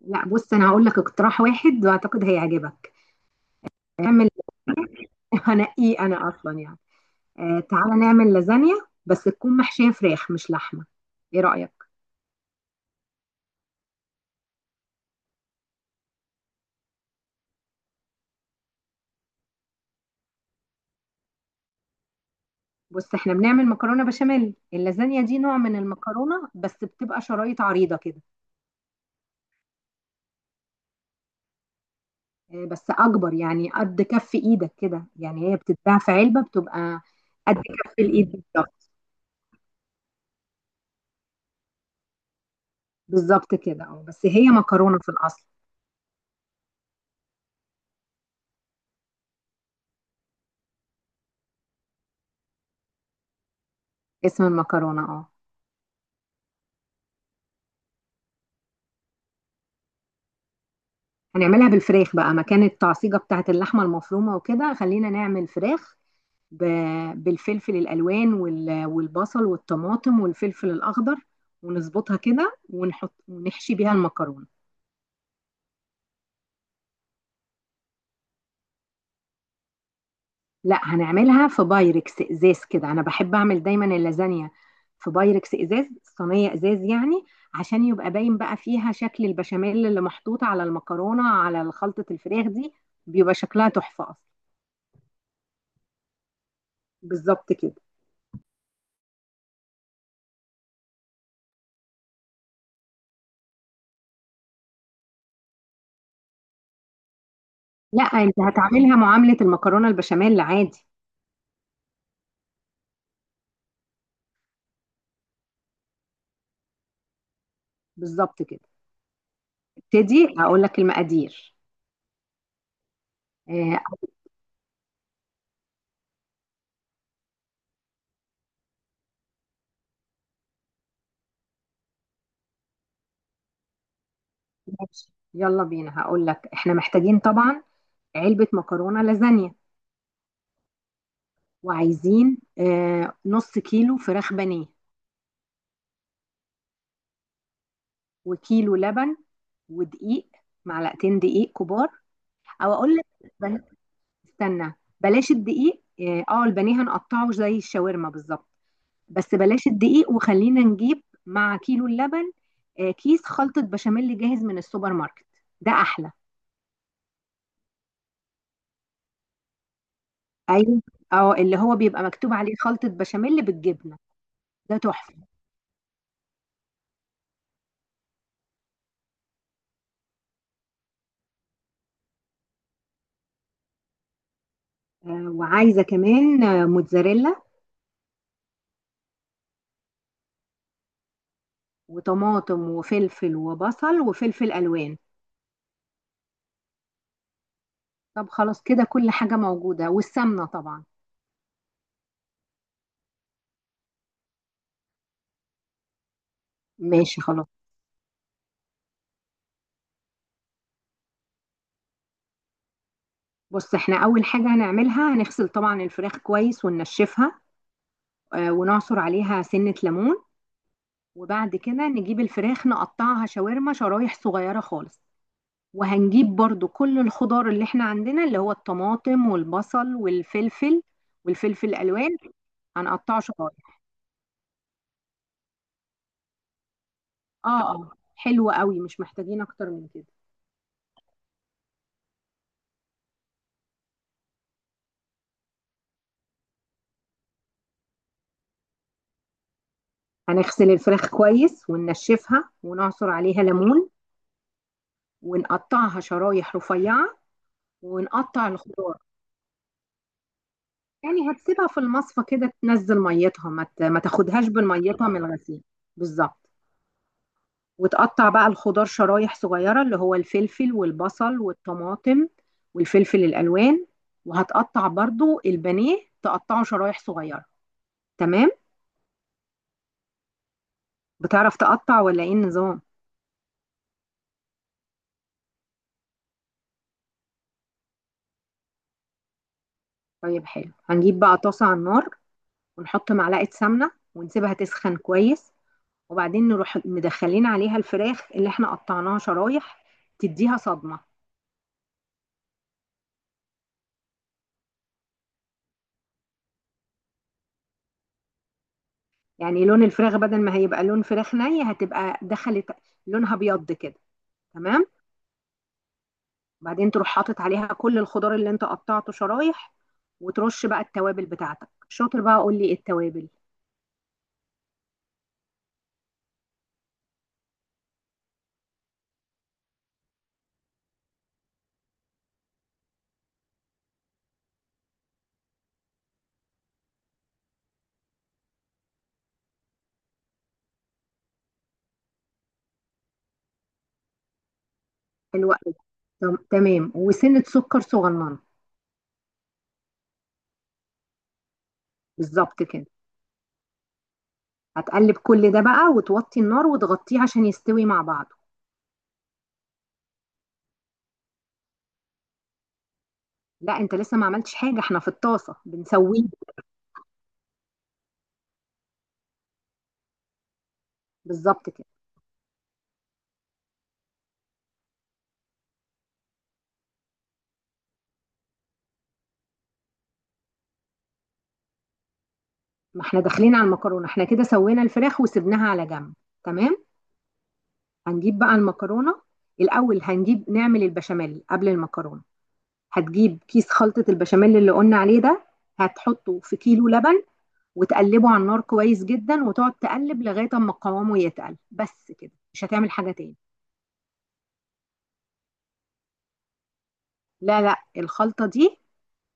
لا، بص انا هقول لك اقتراح واحد واعتقد هيعجبك. اعمل هنقيه انا اصلا يعني. آه، تعالى نعمل لازانيا، بس تكون محشيه فراخ مش لحمه. ايه رايك؟ بص، احنا بنعمل مكرونه بشاميل. اللازانيا دي نوع من المكرونه، بس بتبقى شرايط عريضه كده. آه، بس اكبر يعني قد كف ايدك كده. يعني هي بتتباع في علبه، بتبقى قد كف الايد بالظبط. بالظبط كده، اه، بس هي مكرونه في الاصل. اسم المكرونه، اه. هنعملها بالفراخ بقى مكان التعصيجة بتاعت اللحمة المفرومة، وكده خلينا نعمل فراخ بالفلفل الألوان والبصل والطماطم والفلفل الأخضر، ونظبطها كده ونحط ونحشي بيها المكرونة. لا، هنعملها في بايركس إزاز كده. أنا بحب أعمل دايما اللازانيا في بايركس إزاز، صينية إزاز يعني، عشان يبقى باين بقى فيها شكل البشاميل اللي محطوط على المكرونة على خلطة الفراخ دي. بيبقى شكلها تحفة أصلا. بالظبط كده. لا، انت هتعملها معاملة المكرونة البشاميل عادي. بالظبط كده. ابتدي هقول لك المقادير. آه، ماشي، يلا بينا. هقول لك، احنا محتاجين طبعا علبة مكرونة لازانيا، وعايزين نص كيلو فراخ بانيه، وكيلو لبن، ودقيق، معلقتين دقيق كبار. او اقول لك، بل- استنى، بلاش الدقيق. اه، البانيه هنقطعه زي الشاورما بالظبط، بس بلاش الدقيق، وخلينا نجيب مع كيلو اللبن كيس خلطة بشاميل جاهز من السوبر ماركت. ده أحلى. أيوة، أه، اللي هو بيبقى مكتوب عليه خلطة بشاميل بالجبنة. ده تحفة. وعايزة كمان موتزاريلا وطماطم وفلفل وبصل وفلفل ألوان. طب خلاص، كده كل حاجة موجودة، والسمنة طبعا. ماشي، خلاص. بص، احنا أول حاجة هنعملها، هنغسل طبعا الفراخ كويس وننشفها ونعصر عليها سنة ليمون. وبعد كده نجيب الفراخ، نقطعها شاورما شرايح صغيرة خالص. وهنجيب برضو كل الخضار اللي احنا عندنا، اللي هو الطماطم والبصل والفلفل والفلفل الألوان. هنقطعه شرايح. اه. اه، حلو قوي، مش محتاجين اكتر من كده. هنغسل الفراخ كويس وننشفها ونعصر عليها ليمون، ونقطعها شرايح رفيعة، ونقطع الخضار. يعني هتسيبها في المصفى كده تنزل ميتها، ما تاخدهاش بالميتها من الغسيل. بالظبط. وتقطع بقى الخضار شرايح صغيرة، اللي هو الفلفل والبصل والطماطم والفلفل الألوان. وهتقطع برضو البانيه، تقطعه شرايح صغيرة. تمام. بتعرف تقطع ولا ايه النظام؟ طيب حلو، هنجيب بقى طاسة على النار، ونحط معلقة سمنة، ونسيبها تسخن كويس. وبعدين نروح مدخلين عليها الفراخ اللي احنا قطعناها شرايح، تديها صدمة. يعني لون الفراخ، بدل ما هيبقى لون فراخ ني، هتبقى دخلت، لونها بيض كده. تمام. وبعدين تروح حاطط عليها كل الخضار اللي انت قطعته شرايح، وترش بقى التوابل بتاعتك. شاطر بقى، قول لي ايه التوابل. الوقت ده تمام، وسنة سكر صغننة. بالظبط كده. هتقلب كل ده بقى، وتوطي النار وتغطيه عشان يستوي مع بعضه. لا، انت لسه ما عملتش حاجة، احنا في الطاسة بنسويه. بالظبط كده. ما احنا داخلين على المكرونة، احنا كده سوينا الفراخ وسبناها على جنب. تمام. هنجيب بقى المكرونة. الأول هنجيب نعمل البشاميل قبل المكرونة. هتجيب كيس خلطة البشاميل اللي قلنا عليه ده، هتحطه في كيلو لبن، وتقلبه على النار كويس جدا، وتقعد تقلب لغاية اما قوامه يتقل. بس كده، مش هتعمل حاجة تاني. لا لا، الخلطة دي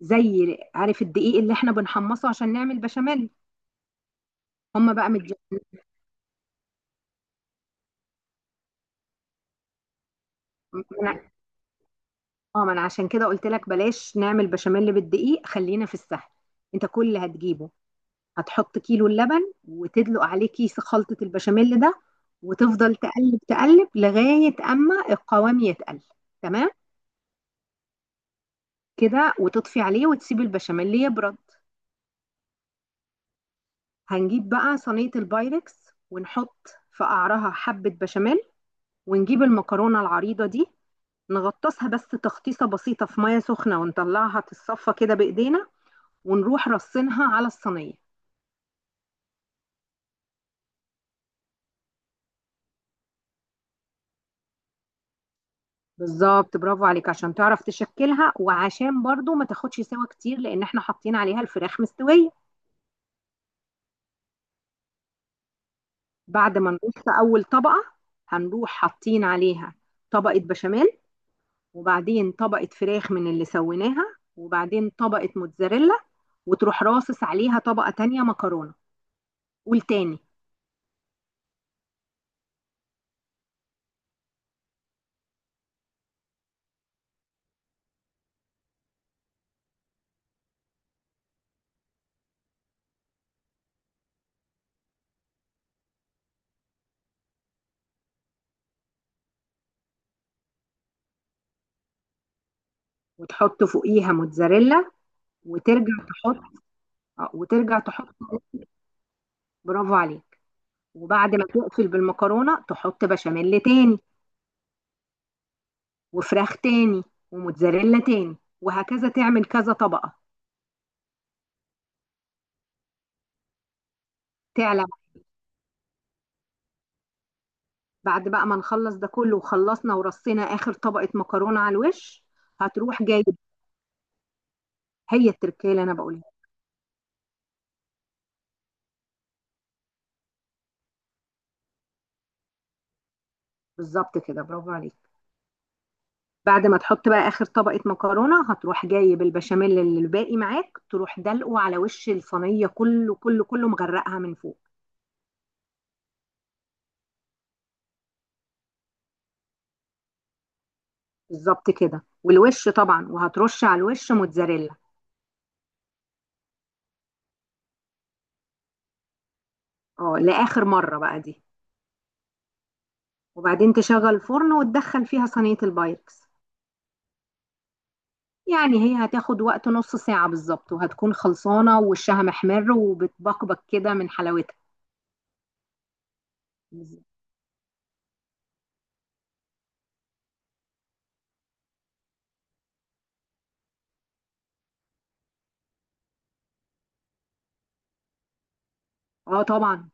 زي، عارف الدقيق اللي احنا بنحمصه عشان نعمل بشاميل؟ هم بقى مدي من- اه، ما انا عشان كده قلت لك بلاش نعمل بشاميل بالدقيق، خلينا في السهل. انت كل اللي هتجيبه، هتحط كيلو اللبن وتدلق عليه كيس خلطة البشاميل ده، وتفضل تقلب تقلب لغاية أما القوام يتقل. تمام كده، وتطفي عليه وتسيب البشاميل يبرد. هنجيب بقى صينية البايركس، ونحط في قعرها حبة بشاميل، ونجيب المكرونة العريضة دي، نغطسها بس تغطيسة بسيطة في مية سخنة، ونطلعها تتصفى كده بإيدينا، ونروح رصينها على الصينية. بالظبط، برافو عليك، عشان تعرف تشكلها، وعشان برضو ما تاخدش سوا كتير، لان احنا حاطين عليها الفراخ مستوية. بعد ما نقص اول طبقة، هنروح حاطين عليها طبقة بشاميل، وبعدين طبقة فراخ من اللي سويناها، وبعدين طبقة موتزاريلا، وتروح راصص عليها طبقة تانية مكرونة. قول تاني. وتحط فوقيها موتزاريلا، وترجع تحط، وترجع تحط. برافو عليك. وبعد ما تقفل بالمكرونة تحط بشاميل تاني، وفراخ تاني، وموتزاريلا تاني، وهكذا تعمل كذا طبقة. تعلى. بعد بقى ما نخلص ده كله، وخلصنا ورصينا آخر طبقة مكرونة على الوش، هتروح جايب. هي التركية اللي أنا بقولها. بالظبط كده، برافو عليك. بعد ما تحط بقى آخر طبقة مكرونة، هتروح جايب البشاميل اللي الباقي معاك، تروح دلقه على وش الصينية كله كله كله، مغرقها من فوق. بالظبط كده. والوش طبعا، وهترش على الوش موتزاريلا. اه، لآخر مرة بقى دي. وبعدين تشغل الفرن وتدخل فيها صينية البايركس. يعني هي هتاخد وقت نص ساعة بالظبط، وهتكون خلصانة ووشها محمر وبتبقبق كده من حلاوتها. اه طبعا.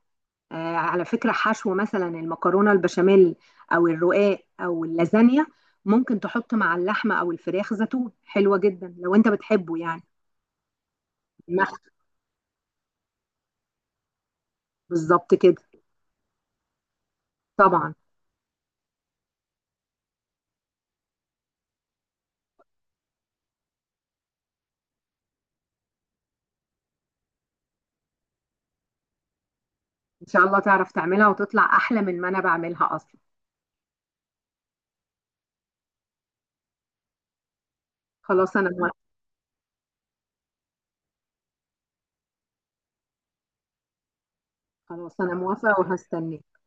آه على فكرة، حشو مثلا المكرونة البشاميل او الرقاق او اللازانيا، ممكن تحط مع اللحمة او الفراخ زيتون، حلوة جدا لو انت بتحبه يعني. المخ. بالظبط كده. طبعا ان شاء الله تعرف تعملها وتطلع احلى من ما انا بعملها اصلا. خلاص انا موافقة. خلاص انا موافقة وهستناك.